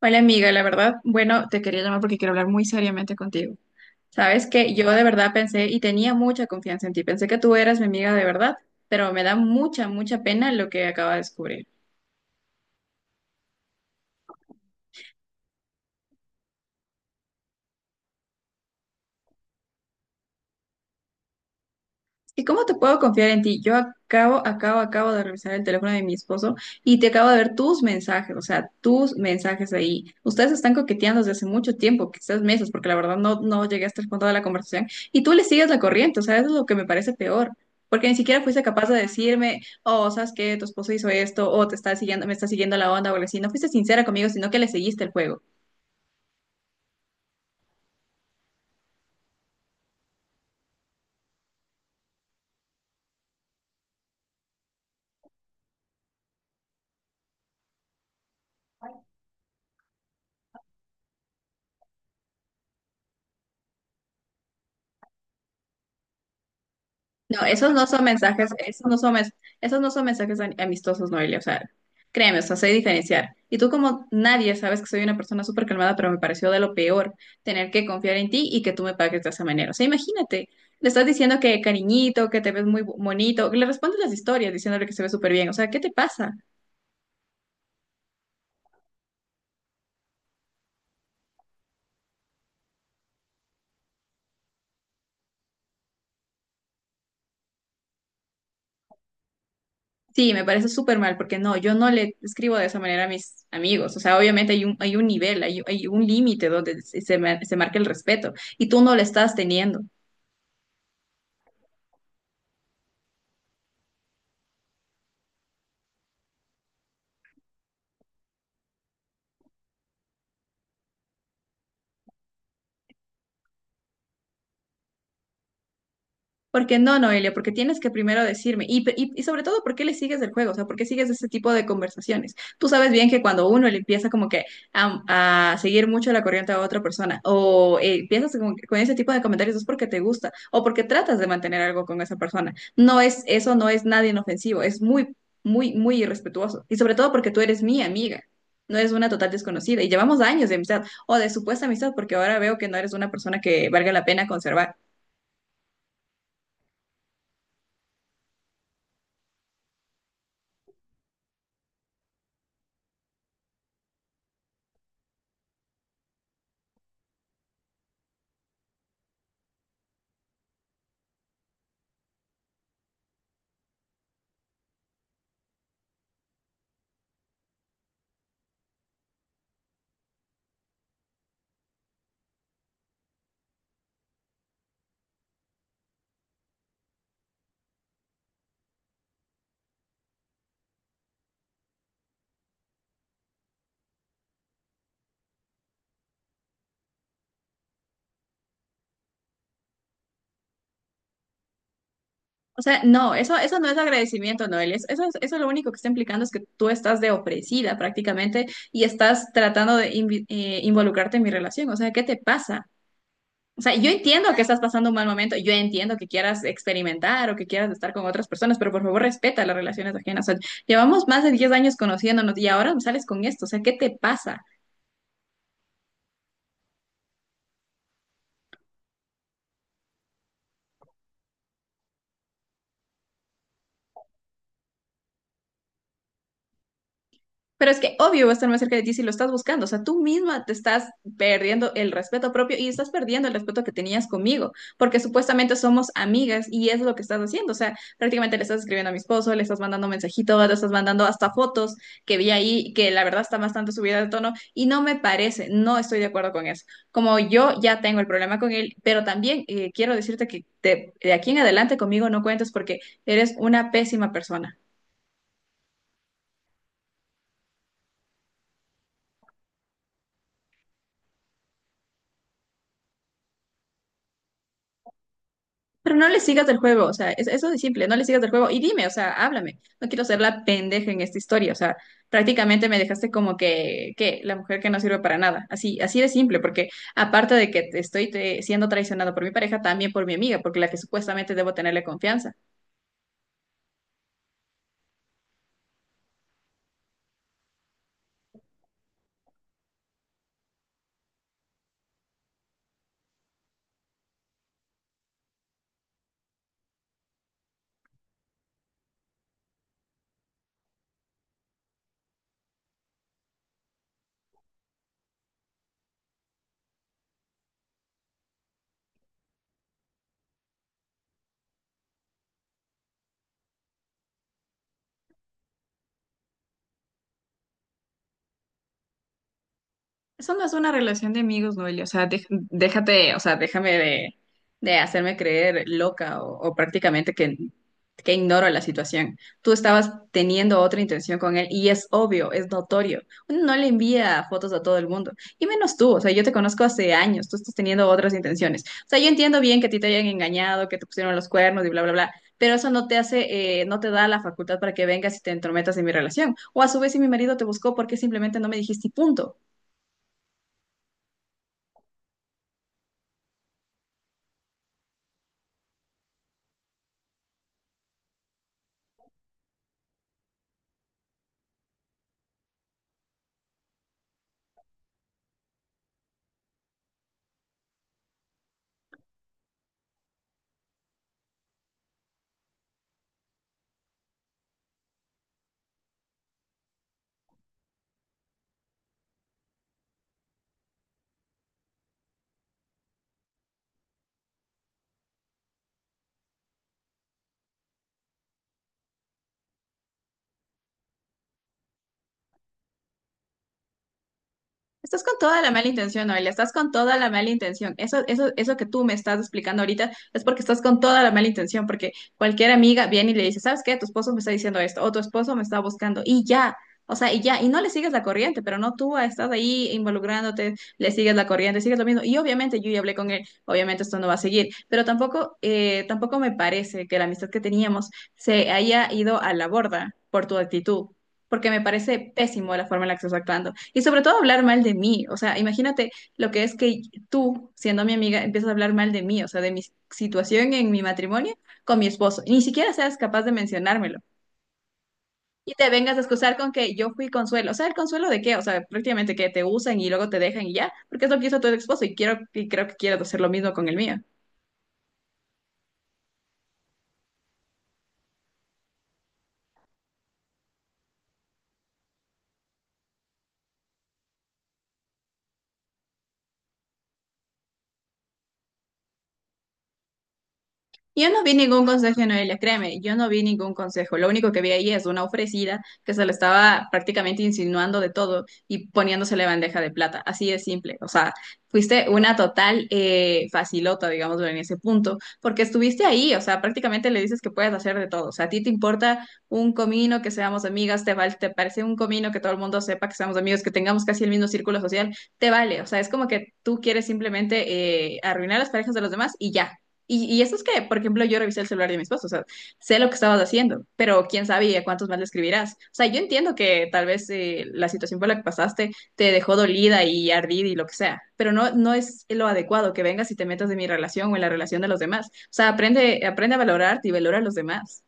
Hola amiga, la verdad, bueno, te quería llamar porque quiero hablar muy seriamente contigo. Sabes que yo de verdad pensé y tenía mucha confianza en ti, pensé que tú eras mi amiga de verdad, pero me da mucha, mucha pena lo que acaba de descubrir. ¿Y cómo te puedo confiar en ti? Yo acabo de revisar el teléfono de mi esposo y te acabo de ver tus mensajes, o sea, tus mensajes ahí. Ustedes están coqueteando desde hace mucho tiempo, quizás meses, porque la verdad no llegué hasta el fondo de la conversación y tú le sigues la corriente, o sea, eso es lo que me parece peor, porque ni siquiera fuiste capaz de decirme, oh, ¿sabes qué? Tu esposo hizo esto, o te está siguiendo, me está siguiendo la onda o algo así. No fuiste sincera conmigo, sino que le seguiste el juego. No, esos no son mensajes, esos no son mensajes amistosos, Noelia. O sea, créeme, o sea, sé diferenciar. Y tú como nadie sabes que soy una persona súper calmada, pero me pareció de lo peor tener que confiar en ti y que tú me pagues de esa manera. O sea, imagínate, le estás diciendo que cariñito, que te ves muy bonito, que le respondes las historias diciéndole que se ve súper bien. O sea, ¿qué te pasa? Sí, me parece súper mal, porque no, yo no le escribo de esa manera a mis amigos. O sea, obviamente hay un nivel, hay hay un límite donde se, se marca el respeto y tú no lo estás teniendo. Porque no, Noelia, porque tienes que primero decirme, y sobre todo, ¿por qué le sigues el juego? O sea, ¿por qué sigues ese tipo de conversaciones? Tú sabes bien que cuando uno le empieza como que a seguir mucho la corriente a otra persona, o empiezas como que con ese tipo de comentarios, es porque te gusta, o porque tratas de mantener algo con esa persona. No es, eso no es nada inofensivo, es muy irrespetuoso. Y sobre todo porque tú eres mi amiga, no eres una total desconocida, y llevamos años de amistad, o de supuesta amistad, porque ahora veo que no eres una persona que valga la pena conservar. O sea, no, eso no es agradecimiento, Noel. Eso, eso lo único que está implicando es que tú estás de ofrecida prácticamente y estás tratando de involucrarte en mi relación. O sea, ¿qué te pasa? O sea, yo entiendo que estás pasando un mal momento, yo entiendo que quieras experimentar o que quieras estar con otras personas, pero por favor respeta las relaciones ajenas. O sea, llevamos más de 10 años conociéndonos y ahora sales con esto. O sea, ¿qué te pasa? Pero es que obvio va a estar más cerca de ti si lo estás buscando. O sea, tú misma te estás perdiendo el respeto propio y estás perdiendo el respeto que tenías conmigo, porque supuestamente somos amigas y es lo que estás haciendo. O sea, prácticamente le estás escribiendo a mi esposo, le estás mandando mensajitos, le estás mandando hasta fotos que vi ahí, que la verdad está bastante subida de tono y no me parece, no estoy de acuerdo con eso. Como yo ya tengo el problema con él, pero también quiero decirte que de aquí en adelante conmigo no cuentes porque eres una pésima persona. Pero no le sigas el juego, o sea, eso de simple, no le sigas el juego y dime, o sea, háblame, no quiero ser la pendeja en esta historia, o sea, prácticamente me dejaste como que la mujer que no sirve para nada, así, así de simple, porque aparte de que te estoy siendo traicionado por mi pareja, también por mi amiga, porque la que supuestamente debo tenerle confianza. Eso no es una relación de amigos, Noelia. O sea, déjate, o sea, déjame de hacerme creer loca o prácticamente que ignoro la situación. Tú estabas teniendo otra intención con él y es obvio, es notorio. Uno no le envía fotos a todo el mundo. Y menos tú, o sea, yo te conozco hace años, tú estás teniendo otras intenciones. O sea, yo entiendo bien que a ti te hayan engañado, que te pusieron los cuernos y bla, bla, bla. Pero eso no te hace, no te da la facultad para que vengas y te entrometas en mi relación. O a su vez, si mi marido te buscó, ¿porque simplemente no me dijiste y punto? Estás con toda la mala intención, Noelia, estás con toda la mala intención. Eso que tú me estás explicando ahorita es porque estás con toda la mala intención, porque cualquier amiga viene y le dice, ¿sabes qué? Tu esposo me está diciendo esto, o tu esposo me está buscando, y ya, o sea, y ya, y no le sigues la corriente, pero no tú estás ahí involucrándote, le sigues la corriente, sigues lo mismo. Y obviamente yo ya hablé con él, obviamente esto no va a seguir, pero tampoco, tampoco me parece que la amistad que teníamos se haya ido a la borda por tu actitud porque me parece pésimo la forma en la que estás actuando. Y sobre todo hablar mal de mí. O sea, imagínate lo que es que tú, siendo mi amiga, empiezas a hablar mal de mí, o sea, de mi situación en mi matrimonio con mi esposo. Ni siquiera seas capaz de mencionármelo. Y te vengas a excusar con que yo fui consuelo. O sea, ¿el consuelo de qué? O sea, prácticamente que te usan y luego te dejan y ya, porque es lo que hizo tu esposo y quiero, y creo que quieras hacer lo mismo con el mío. Yo no vi ningún consejo Noelia, créeme, yo no vi ningún consejo. Lo único que vi ahí es una ofrecida que se le estaba prácticamente insinuando de todo y poniéndosele bandeja de plata. Así de simple. O sea, fuiste una total facilota, digamos, en ese punto, porque estuviste ahí. O sea, prácticamente le dices que puedes hacer de todo. O sea, a ti te importa un comino que seamos amigas, te vale, te parece un comino que todo el mundo sepa que seamos amigos, que tengamos casi el mismo círculo social, te vale. O sea, es como que tú quieres simplemente arruinar las parejas de los demás y ya. Y eso es que, por ejemplo, yo revisé el celular de mi esposo, o sea, sé lo que estabas haciendo, pero quién sabe y a cuántos más le escribirás. O sea, yo entiendo que tal vez la situación por la que pasaste te dejó dolida y ardida y lo que sea, pero no, no es lo adecuado que vengas y te metas en mi relación o en la relación de los demás. O sea, aprende, aprende a valorarte y valora a los demás.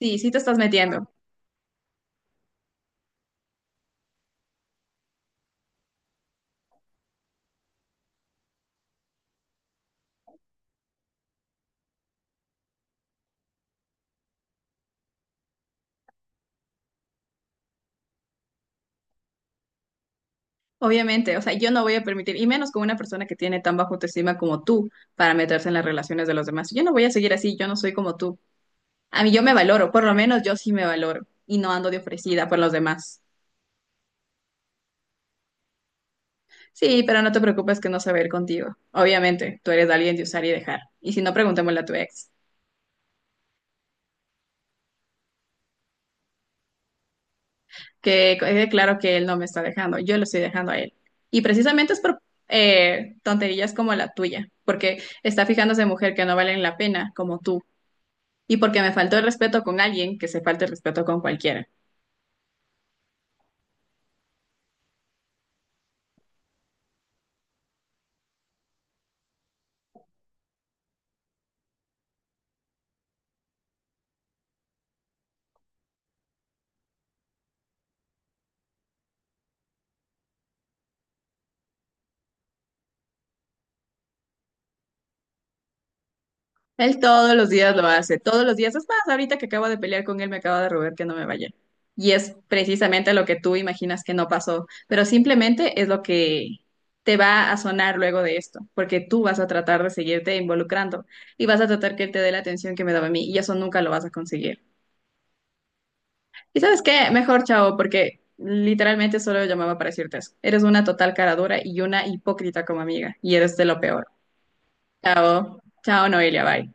Sí, sí te estás metiendo. Obviamente, o sea, yo no voy a permitir, y menos con una persona que tiene tan bajo autoestima como tú, para meterse en las relaciones de los demás. Yo no voy a seguir así, yo no soy como tú. A mí yo me valoro, por lo menos yo sí me valoro y no ando de ofrecida por los demás. Sí, pero no te preocupes que no se va a ir contigo. Obviamente, tú eres alguien de usar y dejar. Y si no, preguntémosle a tu ex, que quede claro que él no me está dejando, yo lo estoy dejando a él. Y precisamente es por tonterías como la tuya, porque está fijándose en mujer que no valen la pena, como tú, y porque me faltó el respeto con alguien que se falte el respeto con cualquiera. Él todos los días lo hace, todos los días. Es más, ahorita que acabo de pelear con él, me acaba de robar que no me vaya. Y es precisamente lo que tú imaginas que no pasó, pero simplemente es lo que te va a sonar luego de esto, porque tú vas a tratar de seguirte involucrando y vas a tratar que él te dé la atención que me daba a mí y eso nunca lo vas a conseguir. ¿Y sabes qué? Mejor chao, porque literalmente solo llamaba para decirte eso. Eres una total cara dura y una hipócrita como amiga y eres de lo peor. Chao, chao Noelia, bye.